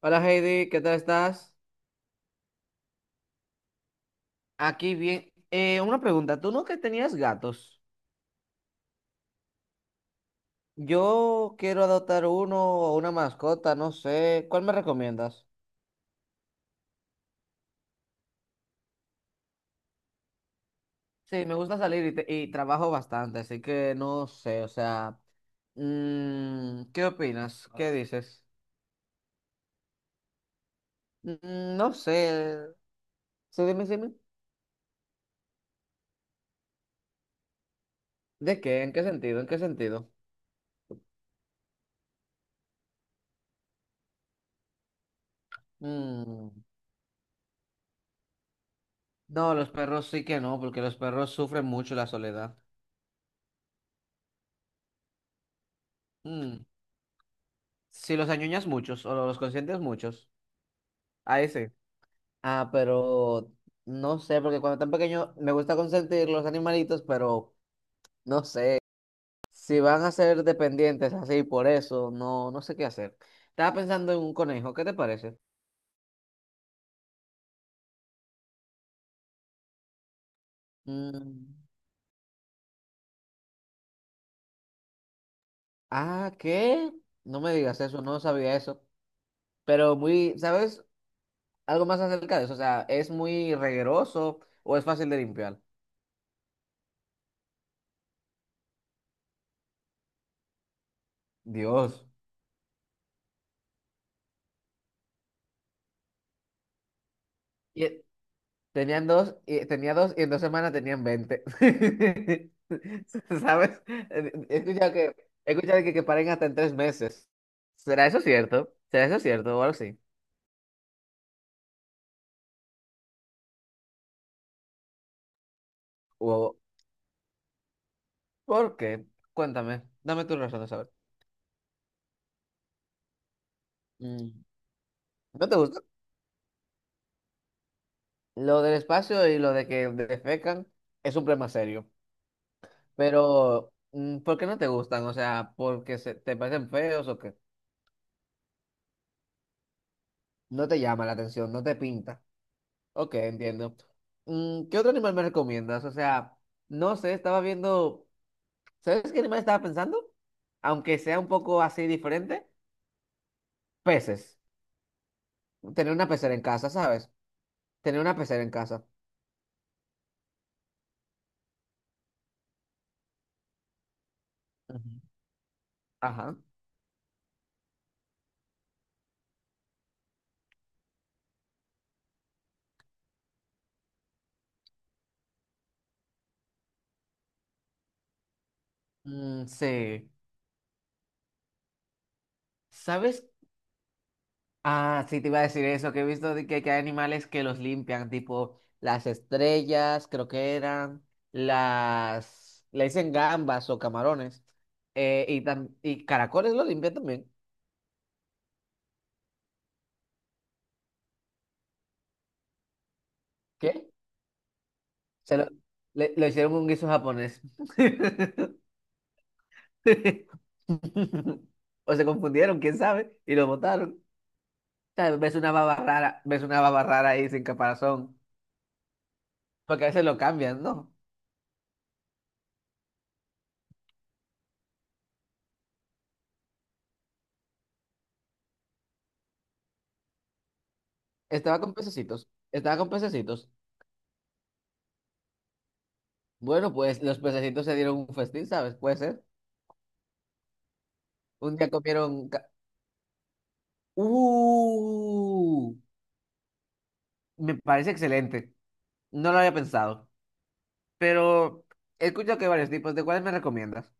Hola Heidi, ¿qué tal estás? Aquí bien. Una pregunta, ¿tú no que tenías gatos? Yo quiero adoptar uno o una mascota, no sé. ¿Cuál me recomiendas? Sí, me gusta salir y, y trabajo bastante, así que no sé, o sea, ¿qué opinas? ¿Qué dices? Mm, no sé. Sí, dime, dime. ¿De qué? ¿En qué sentido? ¿En qué sentido? Mm, no, los perros sí que no, porque los perros sufren mucho la soledad. Mm. Si los añoñas muchos o los consientes muchos, a ese. Ah, pero no sé, porque cuando están pequeños me gusta consentir los animalitos, pero no sé. Si van a ser dependientes así, por eso, no, no sé qué hacer. Estaba pensando en un conejo, ¿qué te parece? Mm, ah, ¿qué? No me digas eso, no sabía eso. Pero muy, ¿sabes? Algo más acerca de eso, o sea, ¿es muy regueroso o es fácil de limpiar? Dios. Y, e Tenían dos, tenía dos y en dos semanas tenían 20 ¿Sabes? He escuchado que que paren hasta en 3 meses. ¿Será eso cierto? ¿Será eso cierto? O algo así. ¿O por qué? Cuéntame. Dame tus razones, a ver. Mm, ¿no te gusta? Lo del espacio y lo de que defecan es un problema serio. Pero, mm, ¿por qué no te gustan? O sea, ¿porque se, te parecen feos o qué? No te llama la atención, no te pinta. Ok, entiendo. Mm, ¿qué otro animal me recomiendas? O sea, no sé, estaba viendo. ¿Sabes qué animal estaba pensando? Aunque sea un poco así diferente, peces. Tener una pecera en casa, ¿sabes? Tener una pecera en casa. Ujú. Ajá. Mm, sí. ¿Sabes? Ah, sí, te iba a decir eso, que he visto de que hay animales que los limpian, tipo las estrellas, creo que eran, las... Le dicen gambas o camarones. Y caracoles lo limpian también. ¿Qué? Se lo, lo hicieron un guiso japonés. O se confundieron, quién sabe, y lo botaron. O sea, ves una baba rara ahí sin caparazón. Porque a veces lo cambian, ¿no? Estaba con pececitos. Bueno, pues los pececitos se dieron un festín, ¿sabes? Puede ser. Un día comieron... ¡Uh! Me parece excelente. No lo había pensado. Pero he escuchado que hay varios tipos. ¿De cuáles me recomiendas?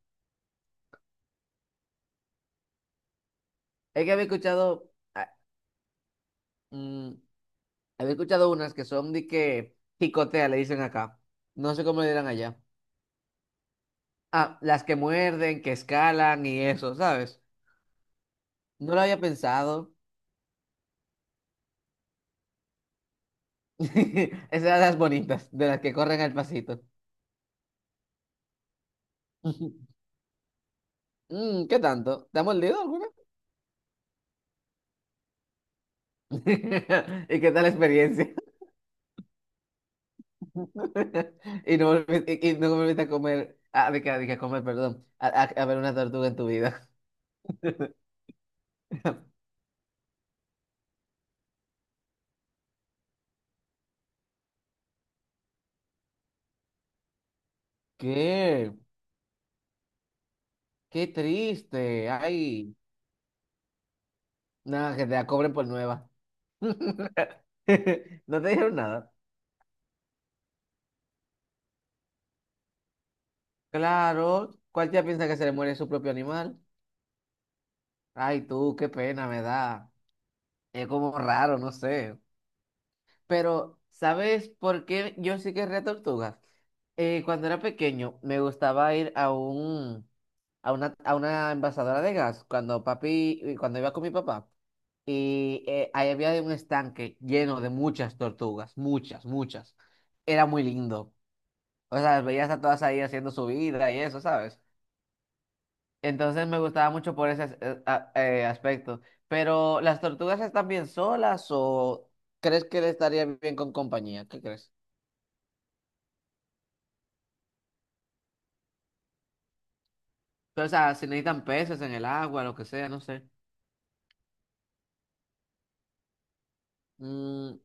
Es que había escuchado... mm, Había escuchado unas que son de que picotea, le dicen acá. No sé cómo le dirán allá. Ah, las que muerden, que escalan y eso, ¿sabes? No lo había pensado. Esas eran las bonitas, de las que corren al pasito. Mm, ¿qué tanto? ¿Te ha mordido alguna? ¿Y qué tal la experiencia? Y no volviste, no volviste a comer, ah, de que a comer, perdón, a ver una tortuga en tu vida. ¿Qué? Qué triste. Ay, nada, que te la cobren por nueva. No te dijeron nada. Claro, cualquiera piensa que se le muere su propio animal. Ay, tú, qué pena me da. Es como raro, no sé. Pero, ¿sabes por qué yo sí querría tortugas? Cuando era pequeño, me gustaba ir a un, a una envasadora de gas, cuando papi, cuando iba con mi papá. Y ahí había un estanque lleno de muchas tortugas, muchas, muchas. Era muy lindo. O sea, las veías a todas ahí haciendo su vida y eso, sabes. Entonces me gustaba mucho por ese aspecto. Pero, ¿las tortugas están bien solas o crees que le estaría bien con compañía? ¿Qué crees? Pero, o sea, si necesitan peces en el agua, lo que sea, no sé. Mm,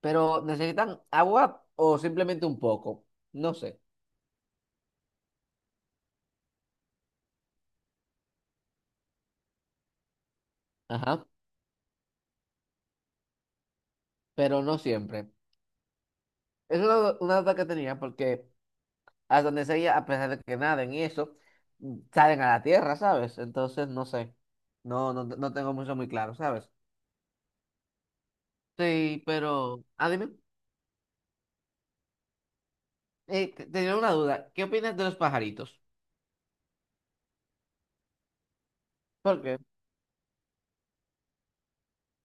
pero, ¿necesitan agua o simplemente un poco? No sé. Ajá. Pero no siempre. Es una duda que tenía porque a donde sea, a pesar de que naden y eso, mm, salen a la tierra, ¿sabes? Entonces, no sé. No tengo mucho muy claro, ¿sabes? Sí, pero, ah, dime, tenía una duda. ¿Qué opinas de los pajaritos? ¿Por qué?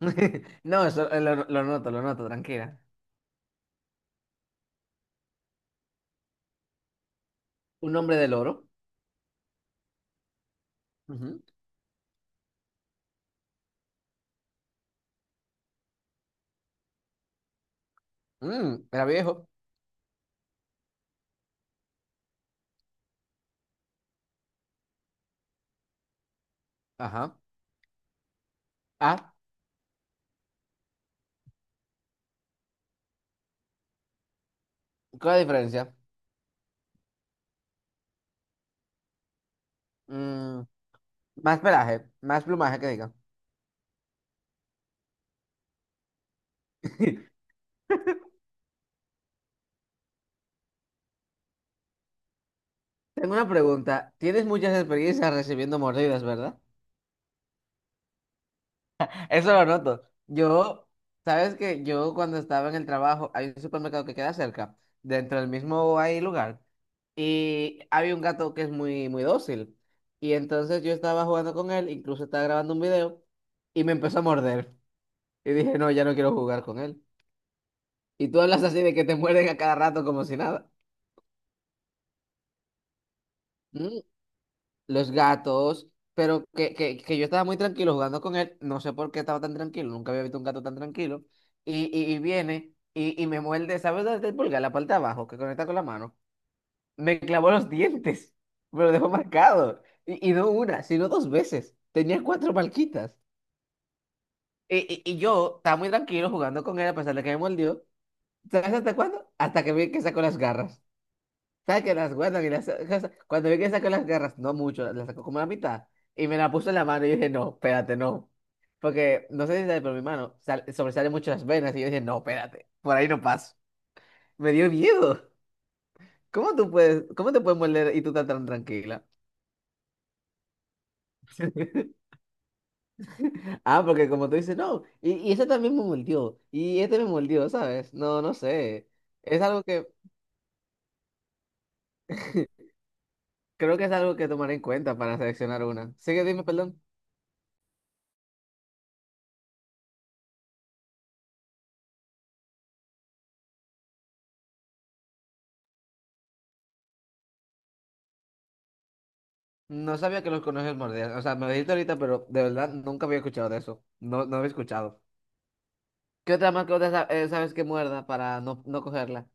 No, eso lo noto, tranquila. Un hombre del oro. Ujú. Mm, era viejo. Ajá. Ah, ¿cuál es la diferencia? Mm, más pelaje, más plumaje que diga. Tengo una pregunta. Tienes muchas experiencias recibiendo mordidas, ¿verdad? Eso lo noto. Yo, sabes que yo cuando estaba en el trabajo, hay un supermercado que queda cerca, dentro del mismo hay lugar, y había un gato que es muy, muy dócil. Y entonces yo estaba jugando con él, incluso estaba grabando un video, y me empezó a morder. Y dije, no, ya no quiero jugar con él. Y tú hablas así de que te muerden a cada rato como si nada. Los gatos, pero que yo estaba muy tranquilo jugando con él, no sé por qué estaba tan tranquilo, nunca había visto un gato tan tranquilo, y viene y me muerde, ¿sabes dónde está el pulgar? La parte de abajo, que conecta con la mano, me clavó los dientes, me lo dejó marcado, y no una, sino dos veces, tenía cuatro marquitas, y, y yo estaba muy tranquilo jugando con él a pesar de que me mordió, ¿sabes hasta cuándo? Hasta que vi que sacó las garras. ¿Sabes que las guardan y las saca-? Cuando vi que sacó las garras, no mucho, las sacó como la mitad. Y me la puso en la mano y yo dije, no, espérate, no. Porque no sé si sabes, pero mi mano sobresale mucho las venas. Y yo dije, no, espérate, por ahí no paso. Me dio miedo. ¿Cómo tú puedes, cómo te puedes morder y tú estás tan tranquila? Ah, porque como tú dices, no. Y ese también me mordió. Y este me mordió, ¿sabes? No, no sé. Es algo que creo que es algo que tomar en cuenta para seleccionar una. Sigue, dime, perdón. No sabía que los conejos mordían. O sea, me lo dijiste ahorita, pero de verdad nunca había escuchado de eso. No, no había escuchado. ¿Qué otra mascota sabes que muerda para no, no cogerla?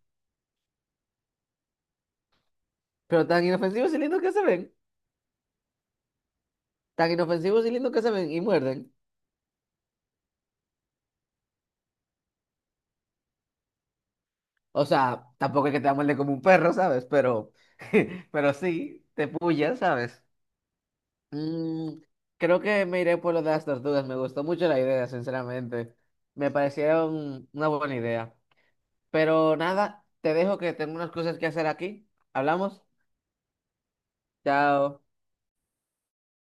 Pero tan inofensivos y lindos que se ven. Tan inofensivos y lindos que se ven y muerden. O sea, tampoco es que te muerde como un perro, ¿sabes? Pero, pero sí, te pullan, ¿sabes? Mm, creo que me iré por lo de las tortugas. Me gustó mucho la idea, sinceramente. Me parecieron una buena idea. Pero nada, te dejo que tengo unas cosas que hacer aquí. ¿Hablamos? Chao.